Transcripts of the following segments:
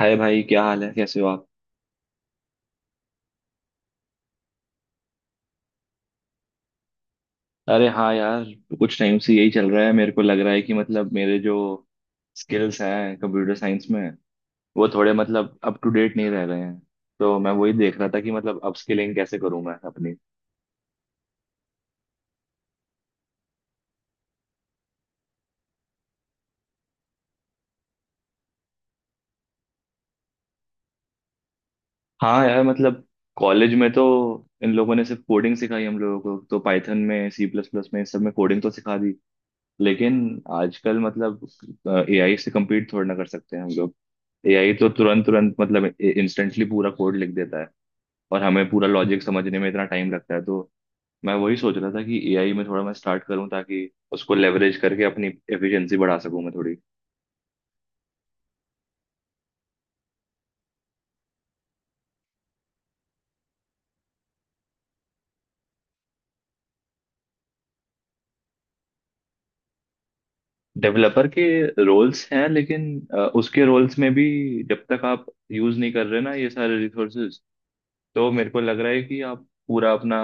हाय भाई, क्या हाल है? कैसे हो आप? अरे हाँ यार, कुछ टाइम से यही चल रहा है। मेरे को लग रहा है कि मतलब मेरे जो स्किल्स हैं कंप्यूटर साइंस में, वो थोड़े मतलब अप टू डेट नहीं रह रहे हैं। तो मैं वही देख रहा था कि मतलब अप स्किलिंग कैसे करूँ मैं अपनी। हाँ यार मतलब कॉलेज में तो इन लोगों ने सिर्फ कोडिंग सिखाई हम लोगों को, तो पाइथन में, सी प्लस प्लस में, इन सब में कोडिंग तो सिखा दी, लेकिन आजकल मतलब एआई से कम्पीट थोड़ा ना कर सकते हैं हम लोग। एआई तो तुरंत तुरंत मतलब इंस्टेंटली पूरा कोड लिख देता है, और हमें पूरा लॉजिक समझने में इतना टाइम लगता है। तो मैं वही सोच रहा था कि एआई में थोड़ा मैं स्टार्ट करूं ताकि उसको लेवरेज करके अपनी एफिशिएंसी बढ़ा सकूं मैं थोड़ी। डेवलपर के रोल्स हैं लेकिन उसके रोल्स में भी जब तक आप यूज नहीं कर रहे ना ये सारे रिसोर्सेज, तो मेरे को लग रहा है कि आप पूरा अपना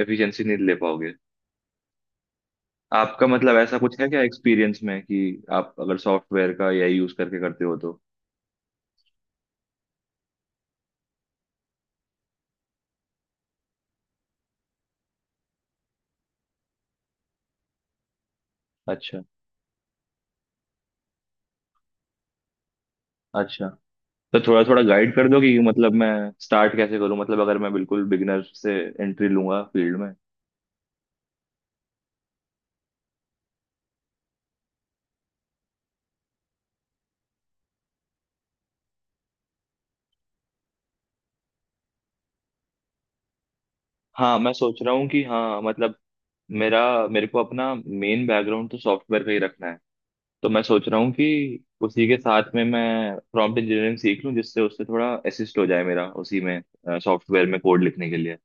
एफिशिएंसी नहीं ले पाओगे। आपका मतलब ऐसा कुछ है क्या एक्सपीरियंस में कि आप अगर सॉफ्टवेयर का एआई यूज करके करते हो तो? अच्छा। अच्छा, तो थोड़ा थोड़ा गाइड कर दो कि मतलब मैं स्टार्ट कैसे करूं, मतलब अगर मैं बिल्कुल बिगिनर से एंट्री लूंगा फील्ड में। हाँ, मैं सोच रहा हूँ कि हाँ मतलब मेरा मेरे को अपना मेन बैकग्राउंड तो सॉफ्टवेयर का ही रखना है। तो मैं सोच रहा हूँ कि उसी के साथ में मैं प्रॉम्प्ट इंजीनियरिंग सीख लूँ जिससे उससे थोड़ा असिस्ट हो जाए मेरा उसी में, सॉफ्टवेयर में कोड लिखने के लिए।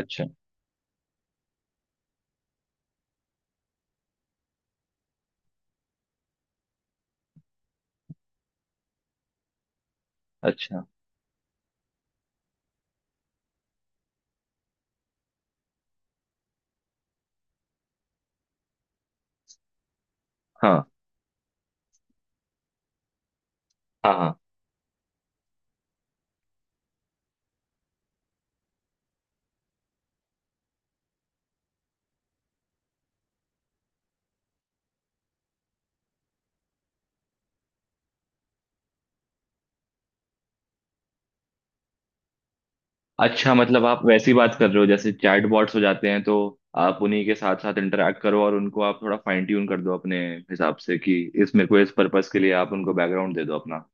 अच्छा। अच्छा। हाँ, हाँ, हाँ। अच्छा, मतलब आप वैसी बात कर रहे हो जैसे चैट बॉट्स हो जाते हैं, तो आप उन्हीं के साथ साथ इंटरेक्ट करो और उनको आप थोड़ा फाइन ट्यून कर दो अपने हिसाब से कि इस मेरे को इस पर्पस के लिए आप उनको बैकग्राउंड दे दो अपना।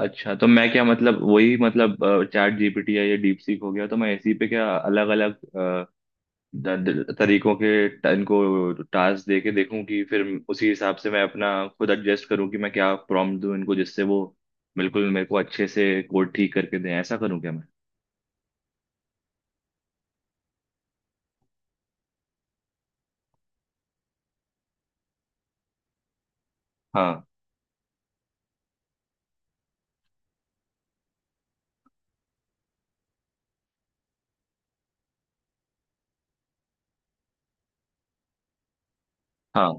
अच्छा, तो मैं क्या मतलब वही मतलब चैट जीपीटी या ये डीप सीक हो गया, तो मैं इसी पे क्या अलग अलग तरीकों के इनको टास्क दे के देखूं कि फिर उसी हिसाब से मैं अपना खुद एडजस्ट करूं कि मैं क्या प्रॉम्प्ट दूं इनको जिससे वो बिल्कुल मेरे को अच्छे से कोड ठीक करके दें। ऐसा करूं क्या मैं? हाँ, हाँ,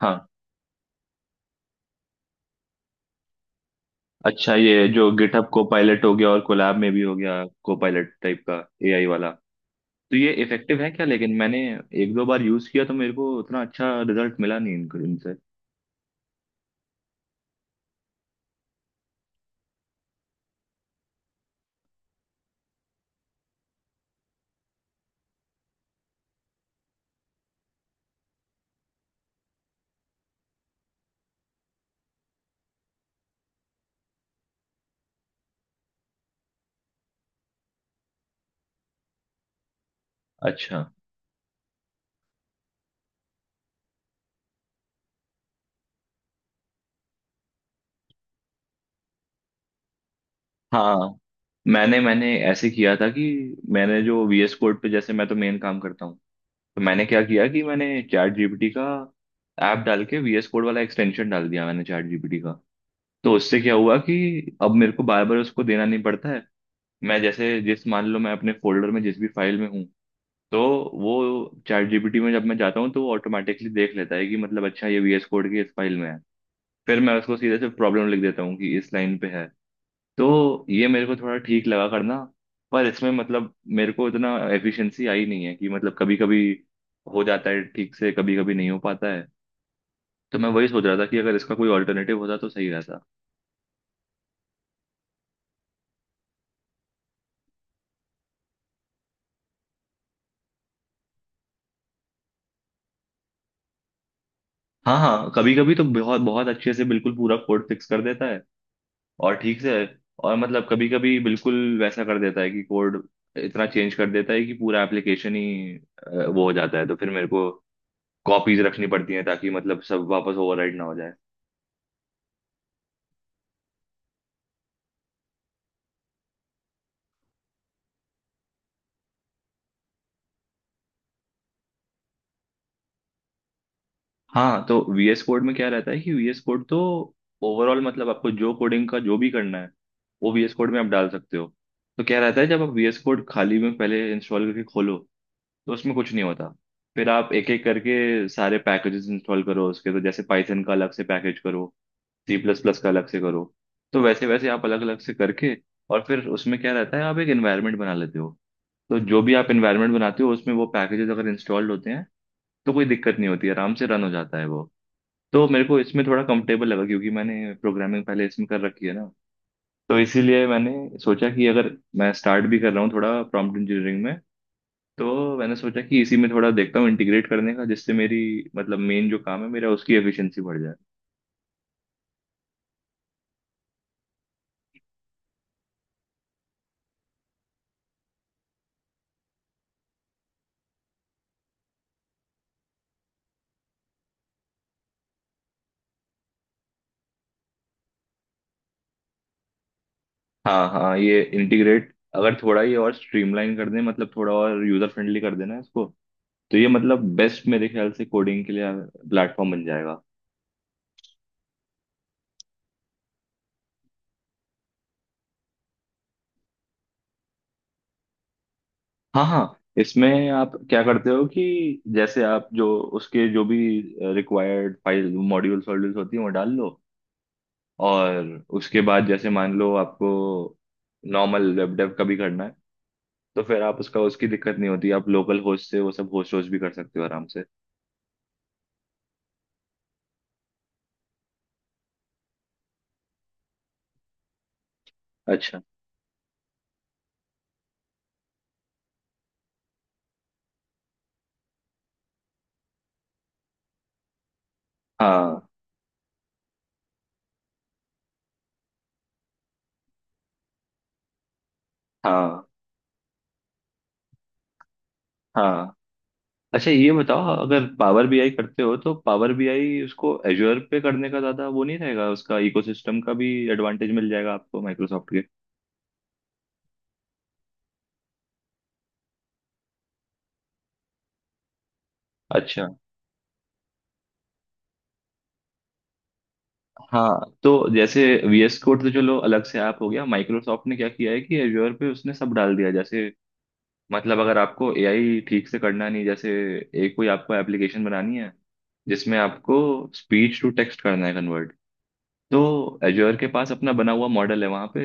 हाँ। अच्छा, ये जो गिटहब को पायलट हो गया और कोलैब में भी हो गया को पायलट टाइप का एआई वाला, तो ये इफेक्टिव है क्या? लेकिन मैंने एक दो बार यूज किया तो मेरे को उतना अच्छा रिजल्ट मिला नहीं इनको इनसे। अच्छा। हाँ, मैंने मैंने ऐसे किया था कि मैंने जो VS कोड पे जैसे मैं तो मेन काम करता हूँ, तो मैंने क्या किया कि मैंने चैट जीपीटी का ऐप डाल के VS कोड वाला एक्सटेंशन डाल दिया मैंने चैट जीपीटी का। तो उससे क्या हुआ कि अब मेरे को बार बार उसको देना नहीं पड़ता है। मैं जैसे जिस मान लो मैं अपने फोल्डर में जिस भी फाइल में हूँ, तो वो चैट जीपीटी में जब मैं जाता हूँ तो वो ऑटोमेटिकली देख लेता है कि मतलब अच्छा ये वीएस कोड की इस फाइल में है। फिर मैं उसको सीधे से प्रॉब्लम लिख देता हूँ कि इस लाइन पे है। तो ये मेरे को थोड़ा ठीक लगा करना। पर इसमें मतलब मेरे को इतना एफिशिएंसी आई नहीं है कि मतलब कभी कभी हो जाता है ठीक से, कभी कभी नहीं हो पाता है। तो मैं वही सोच रहा था कि अगर इसका कोई ऑल्टरनेटिव होता तो सही रहता। हाँ, हाँ, कभी कभी तो बहुत बहुत अच्छे से बिल्कुल पूरा कोड फिक्स कर देता है और ठीक से, और मतलब कभी कभी बिल्कुल वैसा कर देता है कि कोड इतना चेंज कर देता है कि पूरा एप्लीकेशन ही वो हो जाता है, तो फिर मेरे को कॉपीज रखनी पड़ती हैं ताकि मतलब सब वापस ओवरराइट ना हो जाए। हाँ, तो VS कोड में क्या रहता है कि VS कोड तो ओवरऑल मतलब आपको जो कोडिंग का जो भी करना है वो VS कोड में आप डाल सकते हो। तो क्या रहता है जब आप VS कोड खाली में पहले इंस्टॉल करके खोलो तो उसमें कुछ नहीं होता। फिर आप एक एक करके सारे पैकेजेस इंस्टॉल करो उसके, तो जैसे पाइथन का अलग से पैकेज करो, सी प्लस प्लस का अलग से करो। तो वैसे वैसे आप अलग अलग से करके, और फिर उसमें क्या रहता है आप एक एनवायरनमेंट बना लेते हो। तो जो भी आप एनवायरनमेंट बनाते हो उसमें वो पैकेजेस अगर इंस्टॉल्ड होते हैं तो कोई दिक्कत नहीं होती, आराम से रन हो जाता है वो। तो मेरे को इसमें थोड़ा कंफर्टेबल लगा क्योंकि मैंने प्रोग्रामिंग पहले इसमें कर रखी है ना। तो इसीलिए मैंने सोचा कि अगर मैं स्टार्ट भी कर रहा हूँ थोड़ा प्रॉम्प्ट इंजीनियरिंग में, तो मैंने सोचा कि इसी में थोड़ा देखता हूँ इंटीग्रेट करने का जिससे मेरी मतलब मेन जो काम है मेरा उसकी एफिशिएंसी बढ़ जाए। हाँ, हाँ, ये इंटीग्रेट अगर थोड़ा ये और स्ट्रीमलाइन कर दें मतलब थोड़ा और यूजर फ्रेंडली कर देना इसको, तो ये मतलब बेस्ट मेरे ख्याल से कोडिंग के लिए प्लेटफॉर्म बन जाएगा। हाँ, हाँ, इसमें आप क्या करते हो कि जैसे आप जो उसके जो भी रिक्वायर्ड फाइल मॉड्यूल्स वॉड्यूल्स होती हैं वो डाल लो, और उसके बाद जैसे मान लो आपको नॉर्मल वेब डेव का भी करना है, तो फिर आप उसका उसकी दिक्कत नहीं होती, आप लोकल होस्ट से वो सब होस्ट होस्ट भी कर सकते हो आराम से। अच्छा। हाँ, हाँ, हाँ। अच्छा, ये बताओ अगर पावर बीआई करते हो तो पावर बीआई उसको एजोर पे करने का ज्यादा वो नहीं रहेगा, उसका इकोसिस्टम का भी एडवांटेज मिल जाएगा आपको माइक्रोसॉफ्ट के। अच्छा। हाँ, तो जैसे वीएस कोड तो चलो अलग से ऐप हो गया, माइक्रोसॉफ्ट ने क्या किया है कि एजोर पे उसने सब डाल दिया। जैसे मतलब अगर आपको एआई ठीक से करना नहीं, जैसे एक कोई आपको एप्लीकेशन बनानी है जिसमें आपको स्पीच टू टेक्स्ट करना है कन्वर्ट, तो एज्योर के पास अपना बना हुआ मॉडल है वहां पे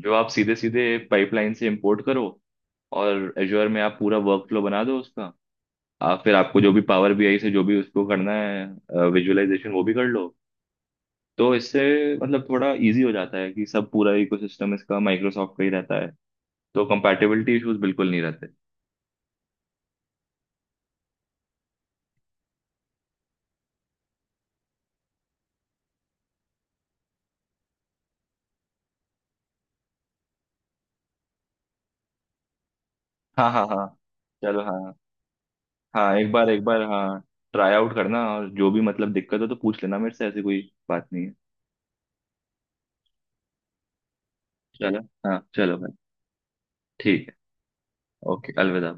जो आप सीधे सीधे पाइपलाइन से इंपोर्ट करो, और एज्योर में आप पूरा वर्क फ्लो बना दो उसका। आप फिर आपको जो भी पावर बीआई से जो भी उसको करना है विजुअलाइजेशन वो भी कर लो। तो इससे मतलब थोड़ा इजी हो जाता है कि सब पूरा इकोसिस्टम इसका माइक्रोसॉफ्ट का ही रहता है, तो कंपैटिबिलिटी इश्यूज बिल्कुल नहीं रहते। हाँ, हाँ, हाँ। चलो। हाँ, हाँ, एक बार एक बार, हाँ, ट्राई आउट करना, और जो भी मतलब दिक्कत हो तो पूछ लेना मेरे से, ऐसी कोई बात नहीं है। चलो। हाँ, चलो भाई। ठीक है। ओके, अलविदा।